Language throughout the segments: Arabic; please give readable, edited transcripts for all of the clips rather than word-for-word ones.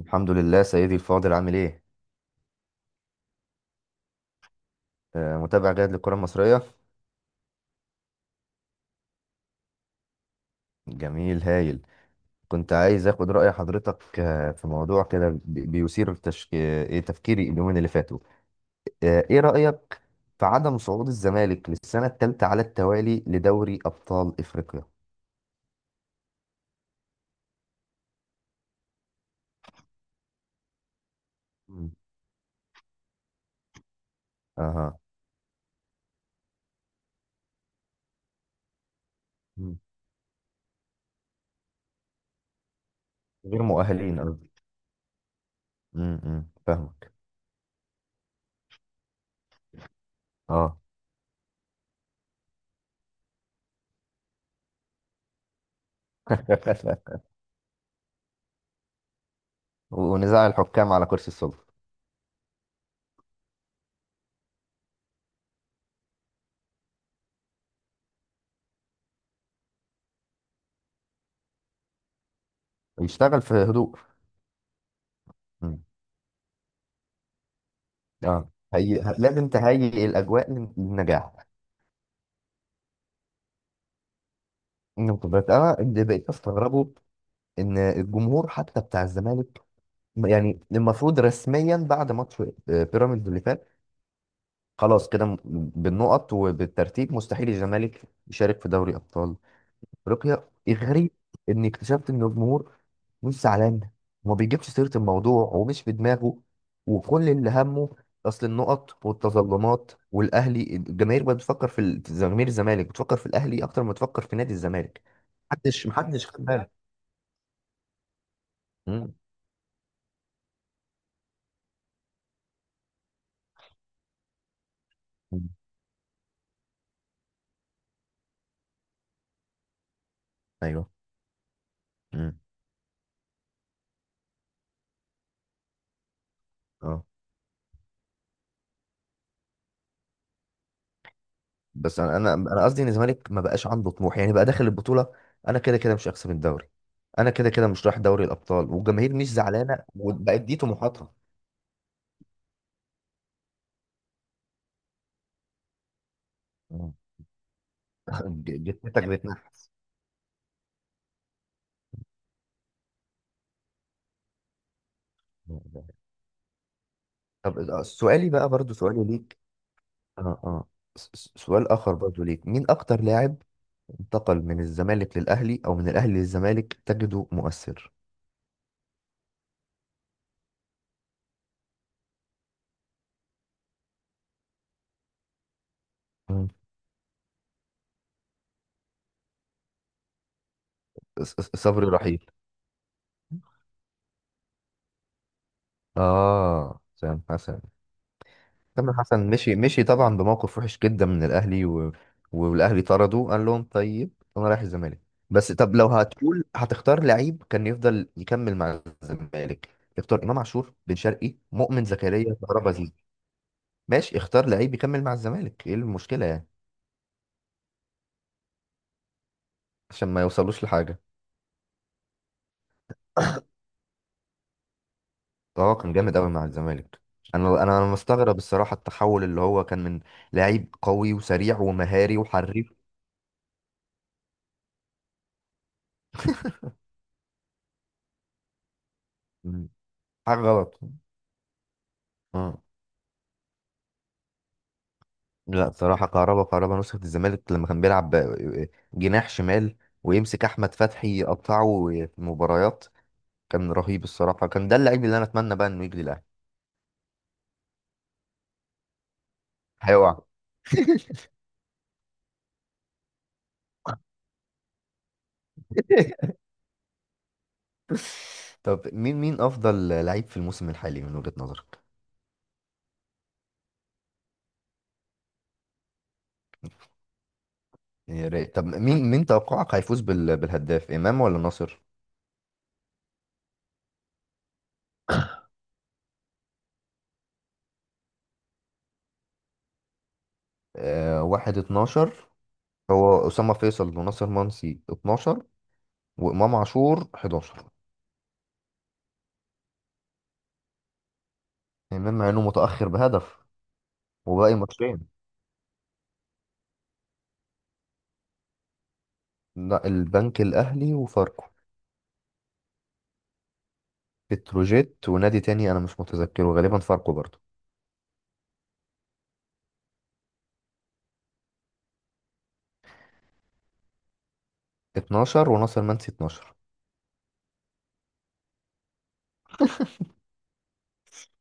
الحمد لله سيدي الفاضل، عامل ايه؟ متابع جيد للكرة المصرية. جميل، هايل. كنت عايز اخد رأي حضرتك في موضوع كده بيثير تشك... آه، إيه تفكيري اليومين اللي فاتوا. ايه رأيك في عدم صعود الزمالك للسنة الثالثة على التوالي لدوري أبطال أفريقيا؟ مم. اها. مم. غير مؤهلين، قصدي. أمم، أمم، فاهمك. اه. ونزاع الحكام على كرسي السلطة. يشتغل في هدوء. أمم، اه، لازم تهيئ الأجواء للنجاح. نقطة، بس أنا اللي بقيت أستغربه إن الجمهور حتى بتاع الزمالك. يعني المفروض رسميا بعد ماتش بيراميدز اللي فات، خلاص كده م- بالنقط وبالترتيب مستحيل الزمالك يشارك في دوري أبطال أفريقيا. الغريب إني اكتشفت إن الجمهور مش زعلان، وما بيجيبش سيرة الموضوع ومش في دماغه، وكل اللي همه أصل النقط والتظلمات والأهلي. الجماهير بقت بتفكر في في جماهير الزمالك، بتفكر في الأهلي أكتر ما بتفكر في نادي الزمالك. محدش خد باله. مم. مم. ايوه. مم. اه. بس انا قصدي ان الزمالك ما بقاش عنده طموح، يعني بقى داخل البطوله. انا كده كده مش هكسب الدوري. انا كده كده مش رايح دوري الابطال، والجماهير مش زعلانه، وبقت دي طموحاتها. مم. جتتك بتنحى. طب سؤالي بقى، برضو سؤالي ليك. اه، اه. سؤال اخر برضو ليك، مين اكتر لاعب انتقل من الزمالك للاهلي او من الاهلي للزمالك تجده مؤثر؟ مم. صبري رحيل. اه، سام حسن. تامر حسن مشي طبعا بموقف وحش جدا من الاهلي و... والاهلي طرده، قال لهم طيب، انا رايح الزمالك. بس طب لو هتقول هتختار لعيب كان يفضل يكمل مع الزمالك، اختار امام عاشور، بن شرقي، مؤمن زكريا، كهربا، زيزو. ماشي، اختار لعيب يكمل مع الزمالك، ايه المشكله يعني؟ عشان ما يوصلوش لحاجه. اه كان جامد قوي مع الزمالك. انا انا أنا مستغرب الصراحه التحول اللي هو كان من لعيب قوي وسريع ومهاري وحريف. مم. حاجه غلط. اه. لا، بصراحة كهربا نسخة الزمالك، لما كان بيلعب جناح شمال ويمسك أحمد فتحي يقطعه في مباريات كان رهيب الصراحة. كان ده اللعيب اللي أنا أتمنى بقى إنه يجري الأهلي. هيقع. طب مين أفضل لعيب في الموسم الحالي من وجهة نظرك؟ يعني يا ريت. طب مين توقعك هيفوز بالهداف، إمام ولا ناصر؟ آه، واحد 12. هو أسامة فيصل وناصر منسي 12، وإمام عاشور 11. إمام مع إنه متأخر بهدف وباقي ماتشين. لا، البنك الأهلي وفاركو. بتروجيت ونادي تاني أنا مش متذكره، غالبا فاركو برضه. 12، وناصر منسي 12.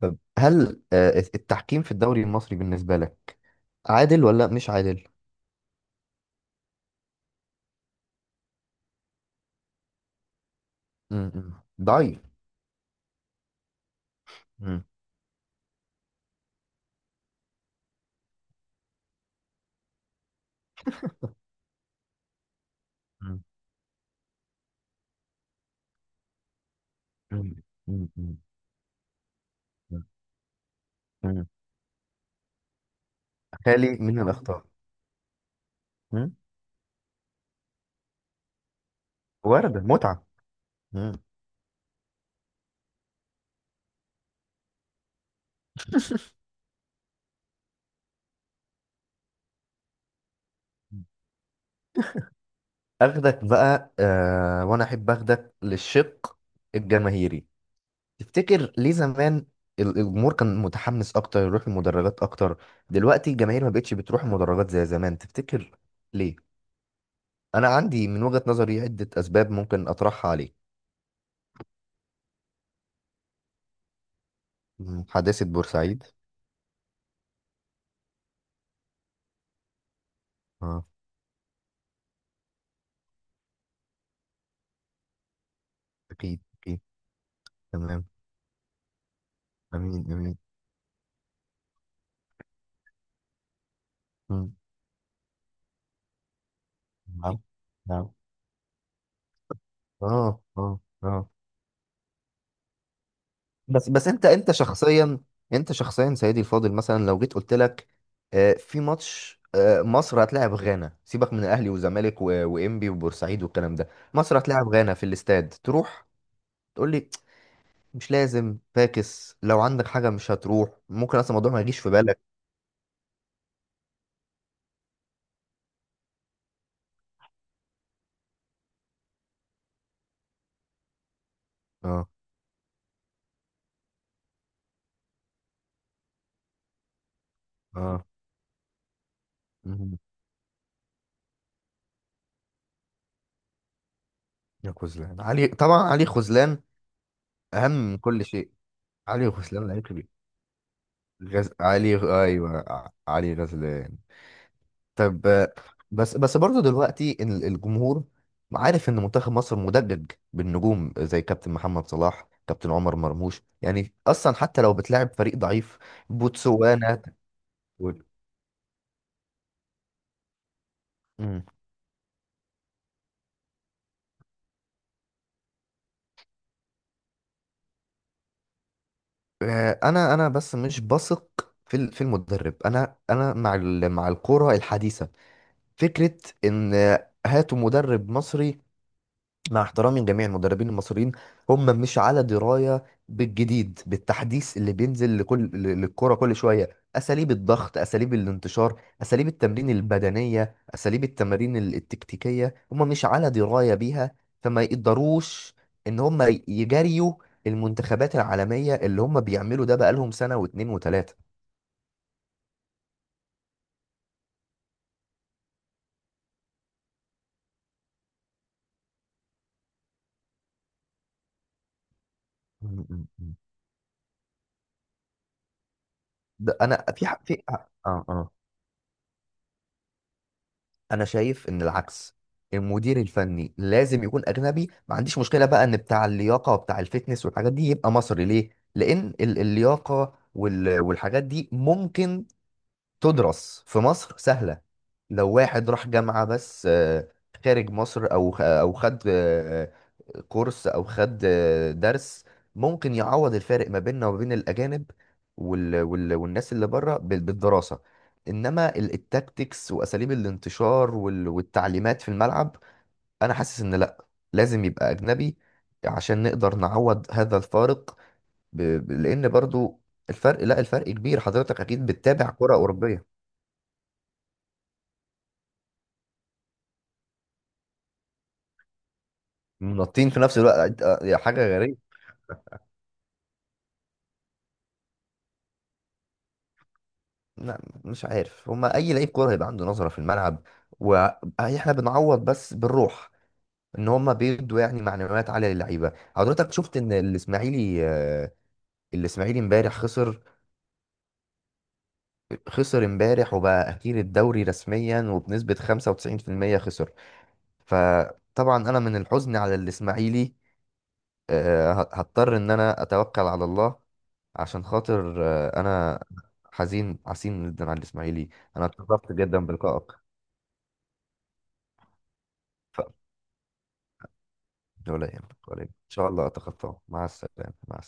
طب هل التحكيم في الدوري المصري بالنسبة لك عادل ولا مش عادل؟ م. ضعيف. م- م- م- م- م- م. خالي من الأخطاء. م. وردة متعة. م. أخدك بقى آه، وأنا أحب أخدك للشق الجماهيري. تفتكر ليه زمان الجمهور كان متحمس اكتر، يروح المدرجات اكتر؟ دلوقتي الجماهير ما بقتش بتروح المدرجات زي زمان، تفتكر ليه؟ انا عندي من وجهة نظري عدة اسباب ممكن اطرحها عليك. مم، حادثة بورسعيد. اه. اكيد، اكيد. تمام. امين، امين. مم، نعم. نعم. اه، اه، اه. بس انت شخصيا، انت شخصيا سيدي الفاضل، مثلا لو جيت قلت لك في ماتش مصر هتلاعب غانا، سيبك من الاهلي والزمالك وانبي وبورسعيد والكلام ده. مصر هتلاعب غانا في الاستاد، تروح تقول لي مش لازم فاكس؟ لو عندك حاجه مش هتروح، ممكن اصلا الموضوع ما يجيش في بالك. اه، اه. مهم. يا خذلان علي، طبعا علي خذلان. اهم من كل شيء. علي خذلان لعيب كبير. علي. ايوه، علي غزلان. طب بس برضه دلوقتي الجمهور عارف ان منتخب مصر مدجج بالنجوم زي كابتن محمد صلاح، كابتن عمر مرموش. يعني اصلا حتى لو بتلاعب فريق ضعيف، بوتسوانا. تقول- مم. انا بس مش بثق في المدرب. انا مع مع الكرة الحديثة. فكرة ان هاتوا مدرب مصري، مع احترامي لجميع المدربين المصريين، هم مش على درايه بالجديد، بالتحديث اللي بينزل لكل للكره كل شويه، اساليب الضغط، اساليب الانتشار، اساليب التمرين البدنيه، اساليب التمارين التكتيكيه، هم مش على درايه بيها. فما يقدروش ان هم يجاريوا المنتخبات العالميه، اللي هم بيعملوا ده بقالهم سنه واتنين وتلاته. م. ده انا في ح- في اه اه انا شايف ان العكس. المدير الفني لازم يكون اجنبي. ما عنديش مشكله بقى ان بتاع اللياقه وبتاع الفتنس والحاجات دي يبقى مصري. ليه؟ لان اللياقه والحاجات دي ممكن تدرس في مصر سهلة. لو واحد راح جامعة بس خارج مصر، أو خد كورس، أو خد درس، ممكن يعوض الفارق ما بيننا وما بين الأجانب وال والناس اللي بره بالدراسة. إنما التاكتكس، وأساليب الانتشار والتعليمات في الملعب، أنا حاسس إن لأ، لازم يبقى أجنبي عشان نقدر نعوض هذا الفارق. لأن برضو الفرق، لا الفرق كبير. حضرتك أكيد بتتابع كرة أوروبية. منطين في نفس الوقت، يا حاجه غريبه. لا، مش عارف هما اي لعيب كوره هيبقى عنده نظره في الملعب، واحنا بنعوض بس بالروح، ان هما بيدوا يعني معنويات عاليه للعيبه. حضرتك شفت ان الاسماعيلي الاسماعيلي امبارح خسر. خسر امبارح وبقى اخير الدوري رسميا، وبنسبه 95% خسر. فطبعا انا من الحزن على الاسماعيلي هضطر ان انا اتوكل على الله، عشان خاطر انا حزين عسين جدا على الاسماعيلي. انا اتشرفت جدا بلقائك ف... ولا يهمك، ولا يهمك. ان شاء الله اتخطاه. مع السلامه، مع السلامه.